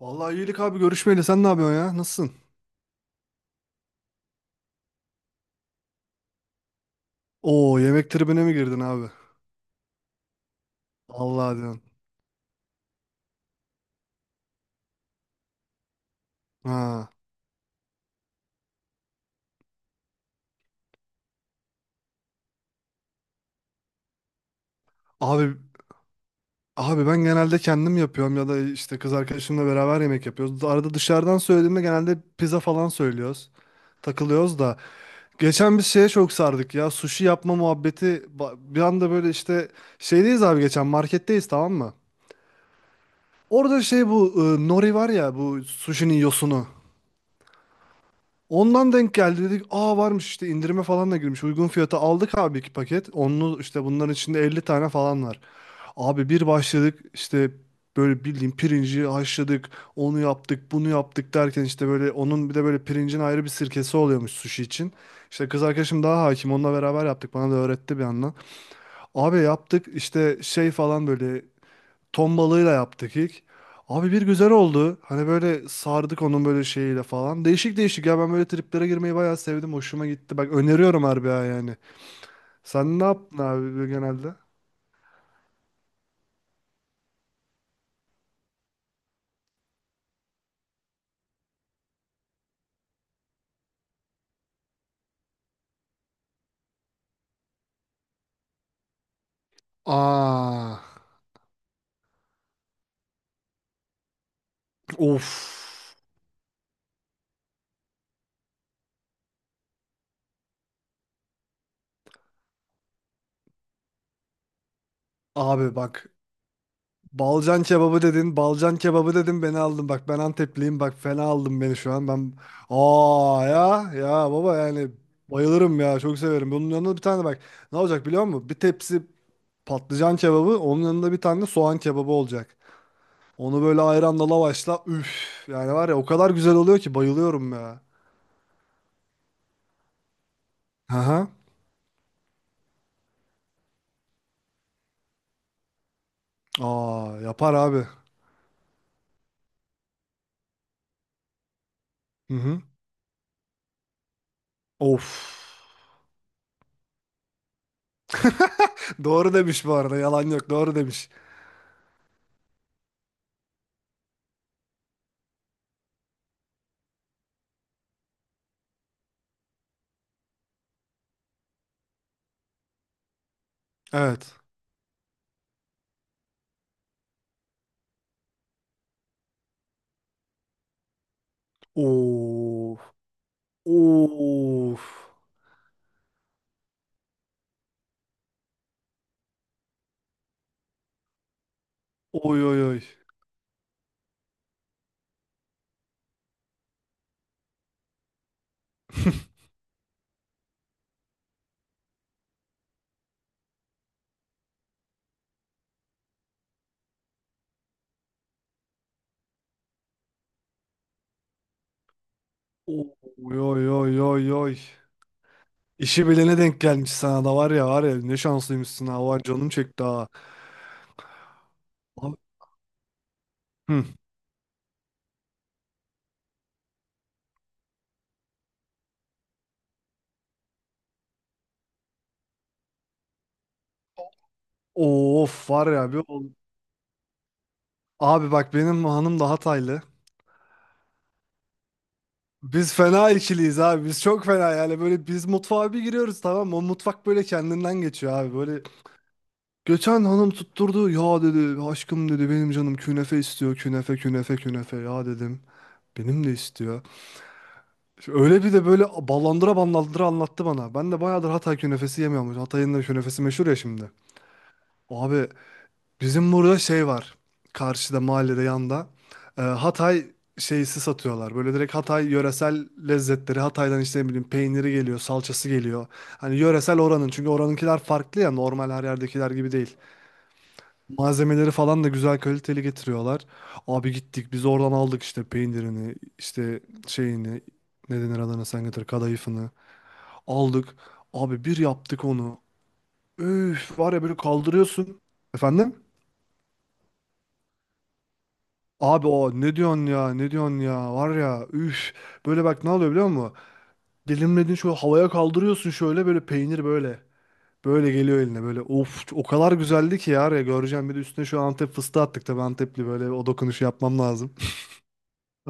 Vallahi iyilik abi görüşmeyeli sen ne yapıyorsun ya? Nasılsın? Oo yemek tribine mi girdin abi? Allah diyorsun. Ha. Abi abi ben genelde kendim yapıyorum ya da işte kız arkadaşımla beraber yemek yapıyoruz. Arada dışarıdan söylediğimde genelde pizza falan söylüyoruz. Takılıyoruz da. Geçen biz şeye çok sardık ya. Sushi yapma muhabbeti. Bir anda böyle işte şeydeyiz abi, geçen marketteyiz, tamam mı? Orada şey bu nori var ya, bu sushi'nin yosunu. Ondan denk geldi, dedik. Aa, varmış işte, indirime falan da girmiş. Uygun fiyata aldık abi, iki paket. Onlu işte, bunların içinde 50 tane falan var. Abi bir başladık işte, böyle bildiğin pirinci haşladık. Onu yaptık bunu yaptık derken, işte böyle onun bir de böyle pirincin ayrı bir sirkesi oluyormuş sushi için. İşte kız arkadaşım daha hakim, onunla beraber yaptık. Bana da öğretti bir yandan. Abi yaptık işte şey falan böyle. Ton balığıyla yaptık ilk. Abi bir güzel oldu. Hani böyle sardık onun böyle şeyiyle falan. Değişik değişik ya, ben böyle triplere girmeyi bayağı sevdim. Hoşuma gitti. Bak öneriyorum harbi ha, yani. Sen ne yaptın abi böyle genelde? Aa, of. Abi bak, Balcan kebabı dedin, balcan kebabı dedin, beni aldın. Bak ben Antepliyim, bak fena aldın beni şu an. Ben, aa, ya ya baba yani bayılırım ya, çok severim. Bunun yanında bir tane, bak ne olacak biliyor musun? Bir tepsi patlıcan kebabı, onun yanında bir tane de soğan kebabı olacak. Onu böyle ayranla lavaşla, üf, yani var ya, o kadar güzel oluyor ki bayılıyorum ya. Aha. Aa, yapar abi. Hı hı. Of. Doğru demiş bu arada, yalan yok, doğru demiş. Evet. Oo. Of. Oy oy oy. Oy oy oy oy oy. İşi bilene denk gelmiş sana, da var ya var ya, ne şanslıymışsın ha, var canım çekti ha. Abi- Hı. Of var ya. Abi bak, benim hanım da Hataylı. Biz fena ikiliyiz abi. Biz çok fena yani, böyle biz mutfağa bir giriyoruz, tamam mı? O mutfak böyle kendinden geçiyor abi. Böyle geçen hanım tutturdu. Ya dedi, aşkım dedi, benim canım künefe istiyor. Künefe künefe künefe ya, dedim. Benim de istiyor. Öyle bir de böyle ballandıra ballandıra anlattı bana. Ben de bayağıdır Hatay künefesi yemiyormuş. Hatay'ın da künefesi meşhur ya şimdi. Abi bizim burada şey var. Karşıda, mahallede, yanda. Hatay şeysi satıyorlar. Böyle direkt Hatay yöresel lezzetleri. Hatay'dan işte ne bileyim, peyniri geliyor, salçası geliyor. Hani yöresel oranın. Çünkü oranınkiler farklı ya. Normal her yerdekiler gibi değil. Malzemeleri falan da güzel kaliteli getiriyorlar. Abi gittik biz oradan, aldık işte peynirini, işte şeyini, ne denir adına, sen getir, kadayıfını. Aldık. Abi bir yaptık onu. Üf var ya, böyle kaldırıyorsun. Efendim? Abi, o ne diyorsun ya, ne diyorsun ya, var ya üf. Böyle bak, ne oluyor biliyor musun? Dilimledin, şöyle havaya kaldırıyorsun, şöyle böyle peynir böyle. Böyle geliyor eline böyle. Of, o kadar güzeldi ki ya, ya göreceğim, bir de üstüne şu Antep fıstığı attık tabii, Antepli böyle, o dokunuşu yapmam lazım.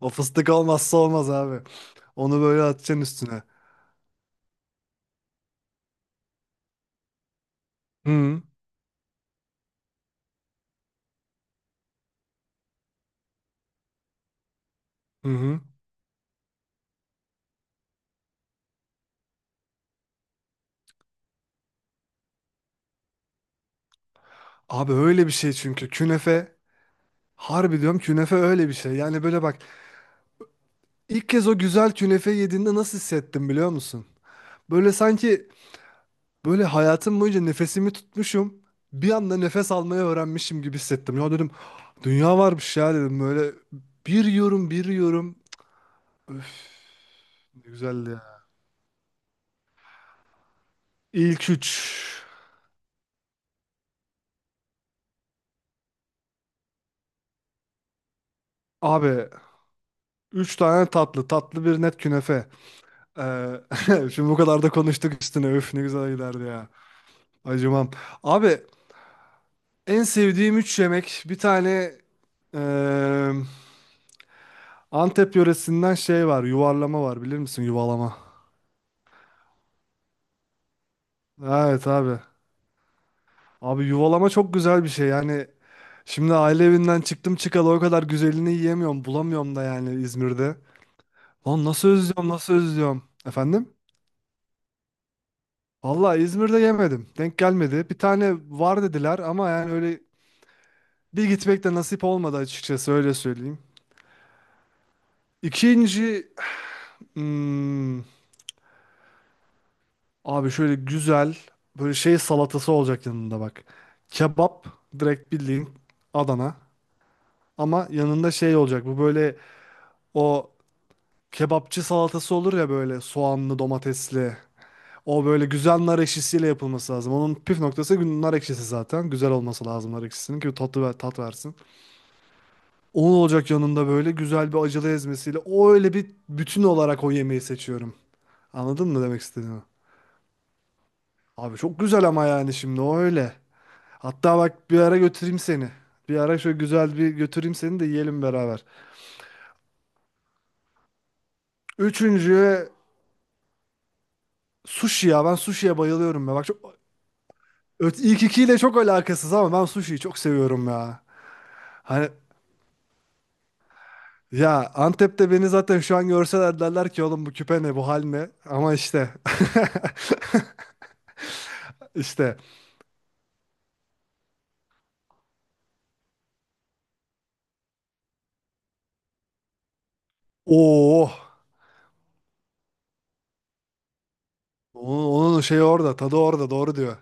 O fıstık olmazsa olmaz abi. Onu böyle atacaksın üstüne. Hı hı. Hı. Abi öyle bir şey çünkü künefe, harbi diyorum, künefe öyle bir şey. Yani böyle bak. İlk kez o güzel künefe yediğinde nasıl hissettim biliyor musun? Böyle sanki, böyle hayatım boyunca nefesimi tutmuşum. Bir anda nefes almayı öğrenmişim gibi hissettim. Ya dedim, dünya varmış ya dedim, böyle bir yiyorum bir yiyorum. Öf, ne güzeldi ya. İlk üç. Abi, üç tane tatlı, tatlı bir net künefe. Ee, şimdi bu kadar da konuştuk üstüne, öf ne güzel giderdi ya. Acımam. Abi, en sevdiğim üç yemek, bir tane... eee Antep yöresinden şey var, yuvarlama var, bilir misin yuvalama? Evet abi. Abi, yuvalama çok güzel bir şey yani. Şimdi aile evinden çıktım çıkalı o kadar güzelini yiyemiyorum, bulamıyorum da yani İzmir'de. Lan nasıl özlüyorum, nasıl özlüyorum. Efendim? Vallahi İzmir'de yemedim. Denk gelmedi. Bir tane var dediler ama yani öyle bir gitmek de nasip olmadı açıkçası, öyle söyleyeyim. İkinci, hmm, abi şöyle güzel böyle şey salatası olacak yanında, bak. Kebap, direkt bildiğin Adana. Ama yanında şey olacak bu böyle, o kebapçı salatası olur ya, böyle soğanlı domatesli. O böyle güzel nar ekşisiyle yapılması lazım. Onun püf noktası, nar ekşisi zaten. Güzel olması lazım nar ekşisinin ki tatlı ver, tat versin. Onun olacak yanında, böyle güzel bir acılı ezmesiyle. O öyle bir bütün olarak o yemeği seçiyorum. Anladın mı demek istediğimi? Abi çok güzel ama, yani şimdi o öyle. Hatta bak, bir ara götüreyim seni. Bir ara şöyle güzel bir götüreyim seni de, yiyelim beraber. Üçüncü, sushi ya. Ben sushi'ye bayılıyorum ya. Bak çok, ilk ikiyle çok alakasız ama ben sushi'yi çok seviyorum ya. Hani ya Antep'te beni zaten şu an görseler derler ki, oğlum bu küpe ne, bu hal ne? Ama işte. işte Oo. Onun şey orada tadı orada, doğru diyor.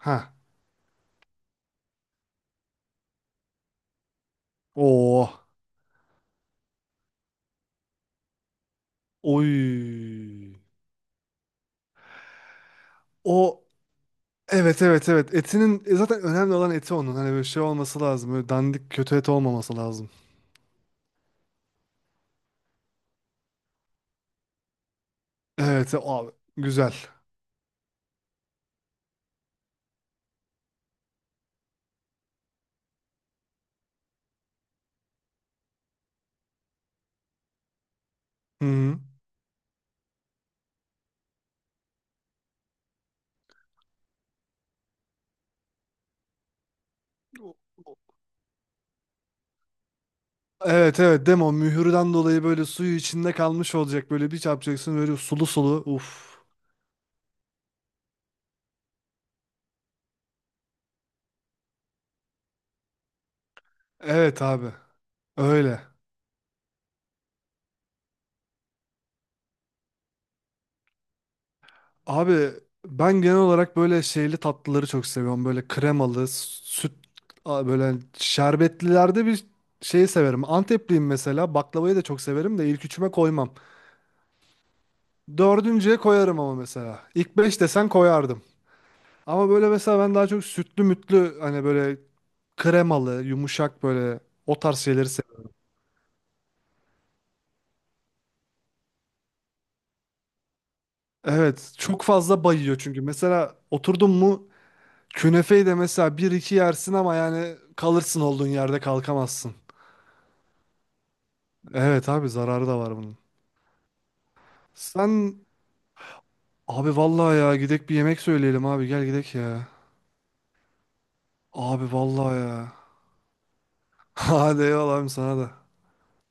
Ha. Oo. Oy. O Evet evet evet, etinin zaten önemli olan eti onun, hani böyle şey olması lazım, böyle dandik kötü et olmaması lazım. Evet, abi güzel. Hı hı. Evet evet, değil mi, mühürden dolayı böyle suyu içinde kalmış olacak, böyle bir çarpacaksın böyle sulu sulu, uf. Evet abi, öyle. Abi ben genel olarak böyle şeyli tatlıları çok seviyorum, böyle kremalı süt, böyle şerbetlilerde bir şeyi severim. Antepliyim, mesela baklavayı da çok severim de ilk üçüme koymam. Dördüncüye koyarım ama mesela. İlk beş desen koyardım. Ama böyle mesela ben daha çok sütlü mütlü, hani böyle kremalı, yumuşak, böyle o tarz şeyleri seviyorum. Evet, çok fazla bayıyor çünkü. Mesela oturdun mu, künefeyi de mesela bir iki yersin ama yani kalırsın olduğun yerde, kalkamazsın. Evet abi, zararı da var bunun. Sen, abi vallahi ya, gidek bir yemek söyleyelim abi, gel gidek ya. Abi vallahi ya. Hadi eyvallah abi, sana da.